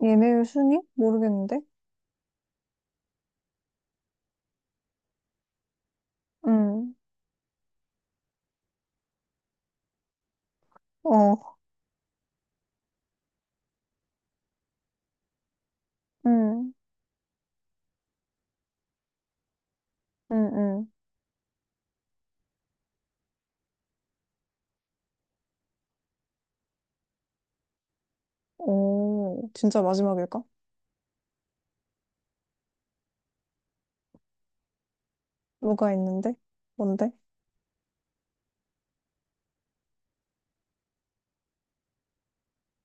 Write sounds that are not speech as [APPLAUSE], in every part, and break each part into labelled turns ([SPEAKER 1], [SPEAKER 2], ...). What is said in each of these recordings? [SPEAKER 1] 예매율 순위? 모르겠는데? 응. 어, 응. 응응. 오, 진짜 마지막일까? 뭐가 있는데? 뭔데?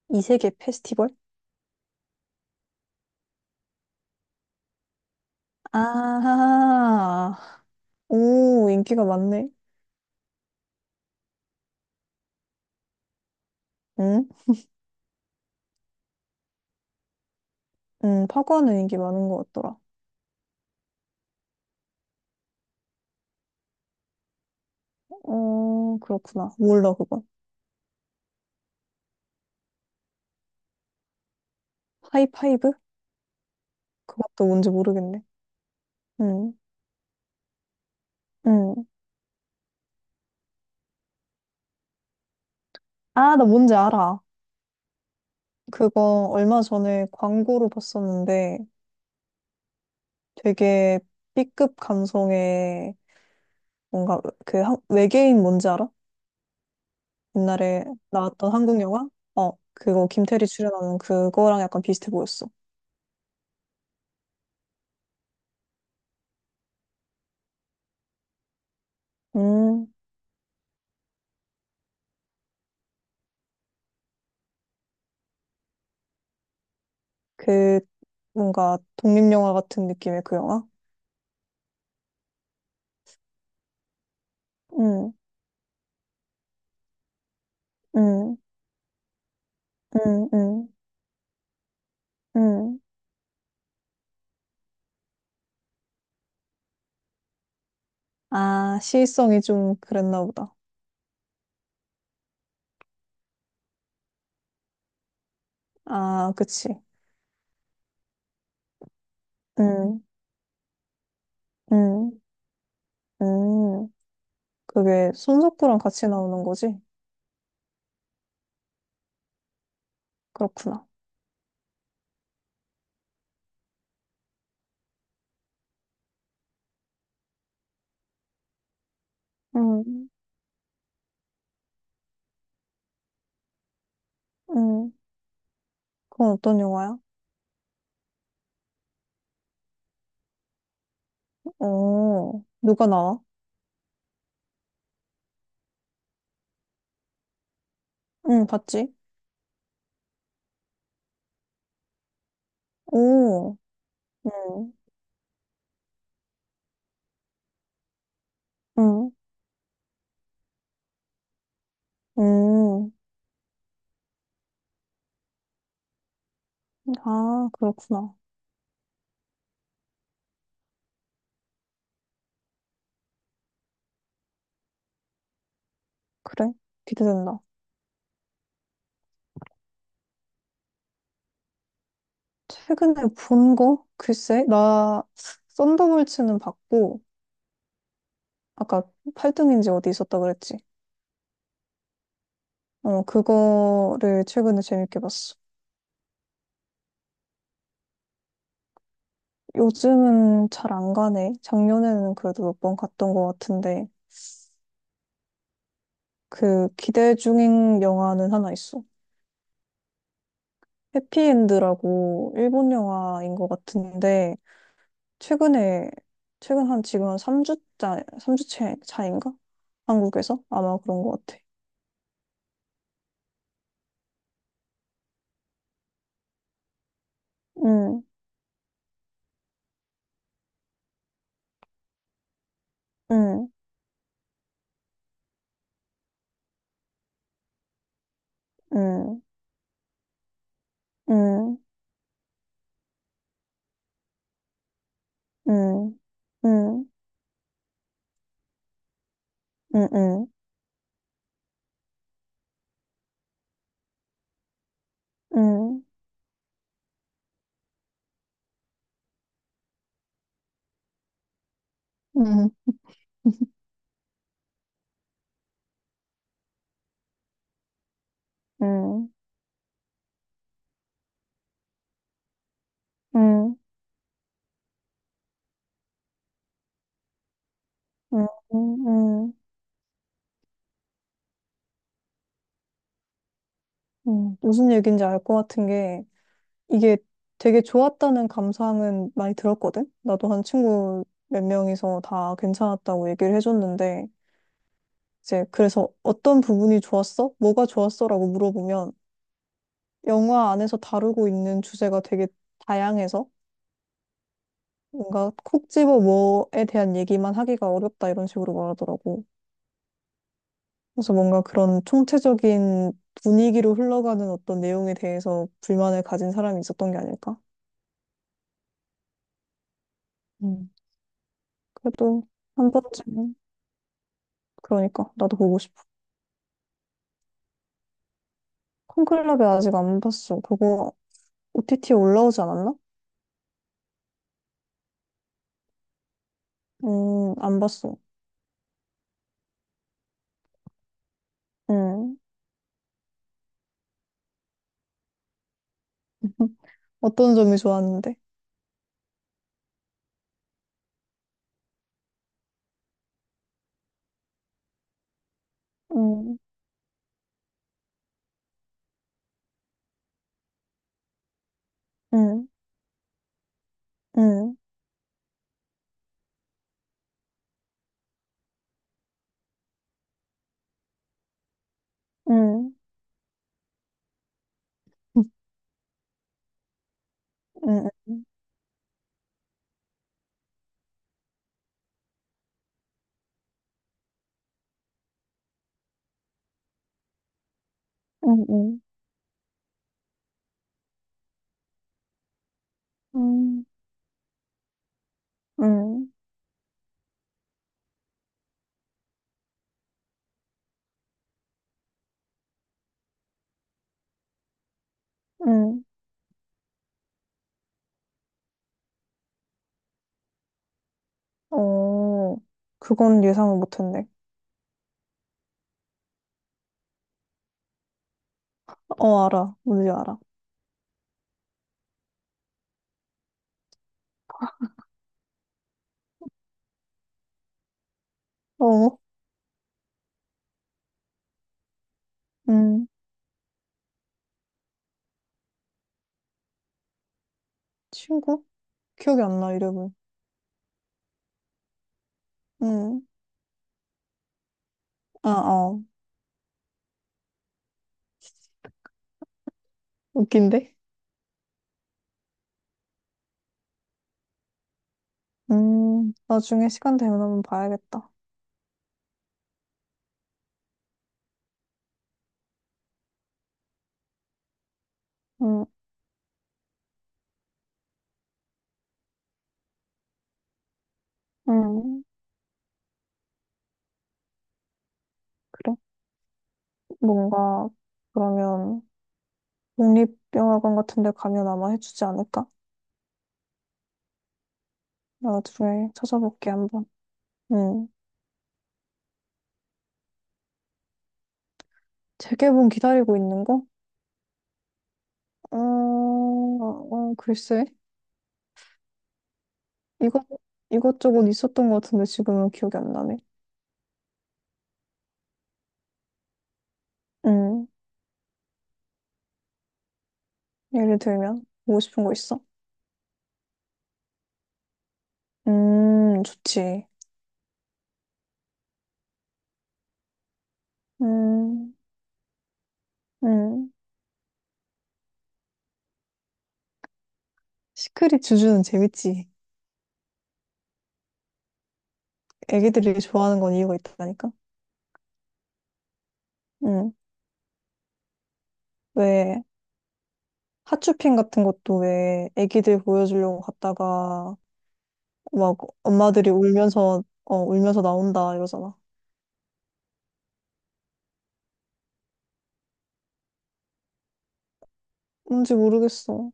[SPEAKER 1] 이세계 페스티벌? 아, 오, 인기가 많네. 응? 응, 파고하는 인기 많은 것 같더라. 어, 그렇구나. 몰라, 그건. 하이파이브? 그것도 뭔지 모르겠네. 응, 응. 아, 나 뭔지 알아. 그거 얼마 전에 광고로 봤었는데 되게 B급 감성의 뭔가 그 한- 외계인 뭔지 알아? 옛날에 나왔던 한국 영화? 어, 그거 김태리 출연하는 그거랑 약간 비슷해 보였어. 음, 그 뭔가 독립영화 같은 느낌의 그 영화? 음, 음, 음, 음, 음. 아, 시의성이 좀 그랬나 보다. 아, 그치. 음, 음, 음. 그게 손석구랑 같이 나오는 거지? 그렇구나. 음, 음. 그건 어떤 영화야? 어, 누가 나와? 응, 봤지? 오. 음, 음, 음. 아, 그렇구나. 그래. 기대된다. 최근에 본 거? 글쎄, 나 썬더볼츠는 봤고, 아까 팔등인지 어디 있었다 그랬지. 어, 그거를 최근에 재밌게 봤어. 요즘은 잘 안 가네. 작년에는 그래도 몇 번 갔던 것 같은데, 그 기대 중인 영화는 하나 있어. 해피엔드라고 일본 영화인 것 같은데, 최근에, 최근 한 지금 한 3주째, 삼 주째 차인가? 한국에서? 아마 그런 것 같아. 응, 응, 응, 응, 응, 응, 응, 응, 응, 응, 응, 응, 응, 응. 응. 무슨 얘기인지 알 것 같은 게 이게 되게 좋았다는 감상은 많이 들었거든? 나도 한 친구 몇 명이서 다 괜찮았다고 얘기를 해줬는데 이제 그래서 어떤 부분이 좋았어? 뭐가 좋았어? 라고 물어보면 영화 안에서 다루고 있는 주제가 되게 다양해서 뭔가 콕 집어 뭐에 대한 얘기만 하기가 어렵다 이런 식으로 말하더라고. 그래서 뭔가 그런 총체적인 분위기로 흘러가는 어떤 내용에 대해서 불만을 가진 사람이 있었던 게 아닐까? 음. 그래도 한 번쯤 그러니까 나도 보고 싶어. 콘클럽에 아직 안 봤어. 그거 OTT 에 올라오지 않았나? 안 봤어. 음. [LAUGHS] 어떤 점이 좋았는데? 음, 음, 음, 음, 음, 음, 음, 음, 음. 어, 그건 예상을 못했네. 어, 알아. 뭔지 알아. 어, 음, 친구? 기억이 안 나, 이름은. 음, 아, 어. 웃긴데? 음, 나중에 시간 되면 한번 봐야겠다. 음, 음, 그래. 뭔가, 그러면, 국립영화관 같은 데 가면 아마 해주지 않을까? 나 나중에 찾아볼게, 한번. 음, 재개봉 기다리고 있는 거? 어, 어, 글쎄. 이것, 이것저것 있었던 것 같은데 지금은 기억이 안 나네. 음, 예를 들면, 보고 싶은 거 있어? 좋지. 음, 음. 시크릿 주주는 재밌지. 애기들이 좋아하는 건 이유가 있다니까? 음, 왜, 하츄핑 같은 것도 왜 애기들 보여주려고 갔다가 막 엄마들이 울면서, 어, 울면서 나온다 이러잖아. 뭔지 모르겠어.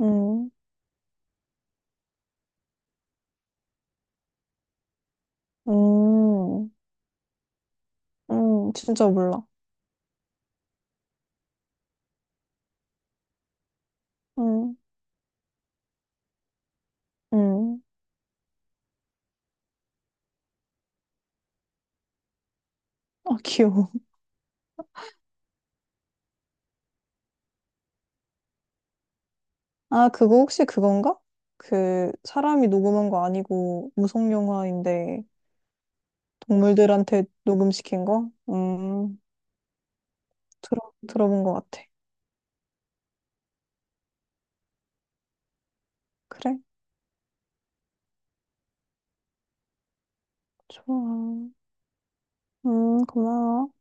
[SPEAKER 1] 음. 음, 진짜 몰라. 음, 음. 아, [LAUGHS] 귀여워. 아, 그거 혹시 그건가? 그, 사람이 녹음한 거 아니고, 무성 영화인데, 동물들한테 녹음시킨 거? 들어본 것 같아. 그래? 좋아. 고마워.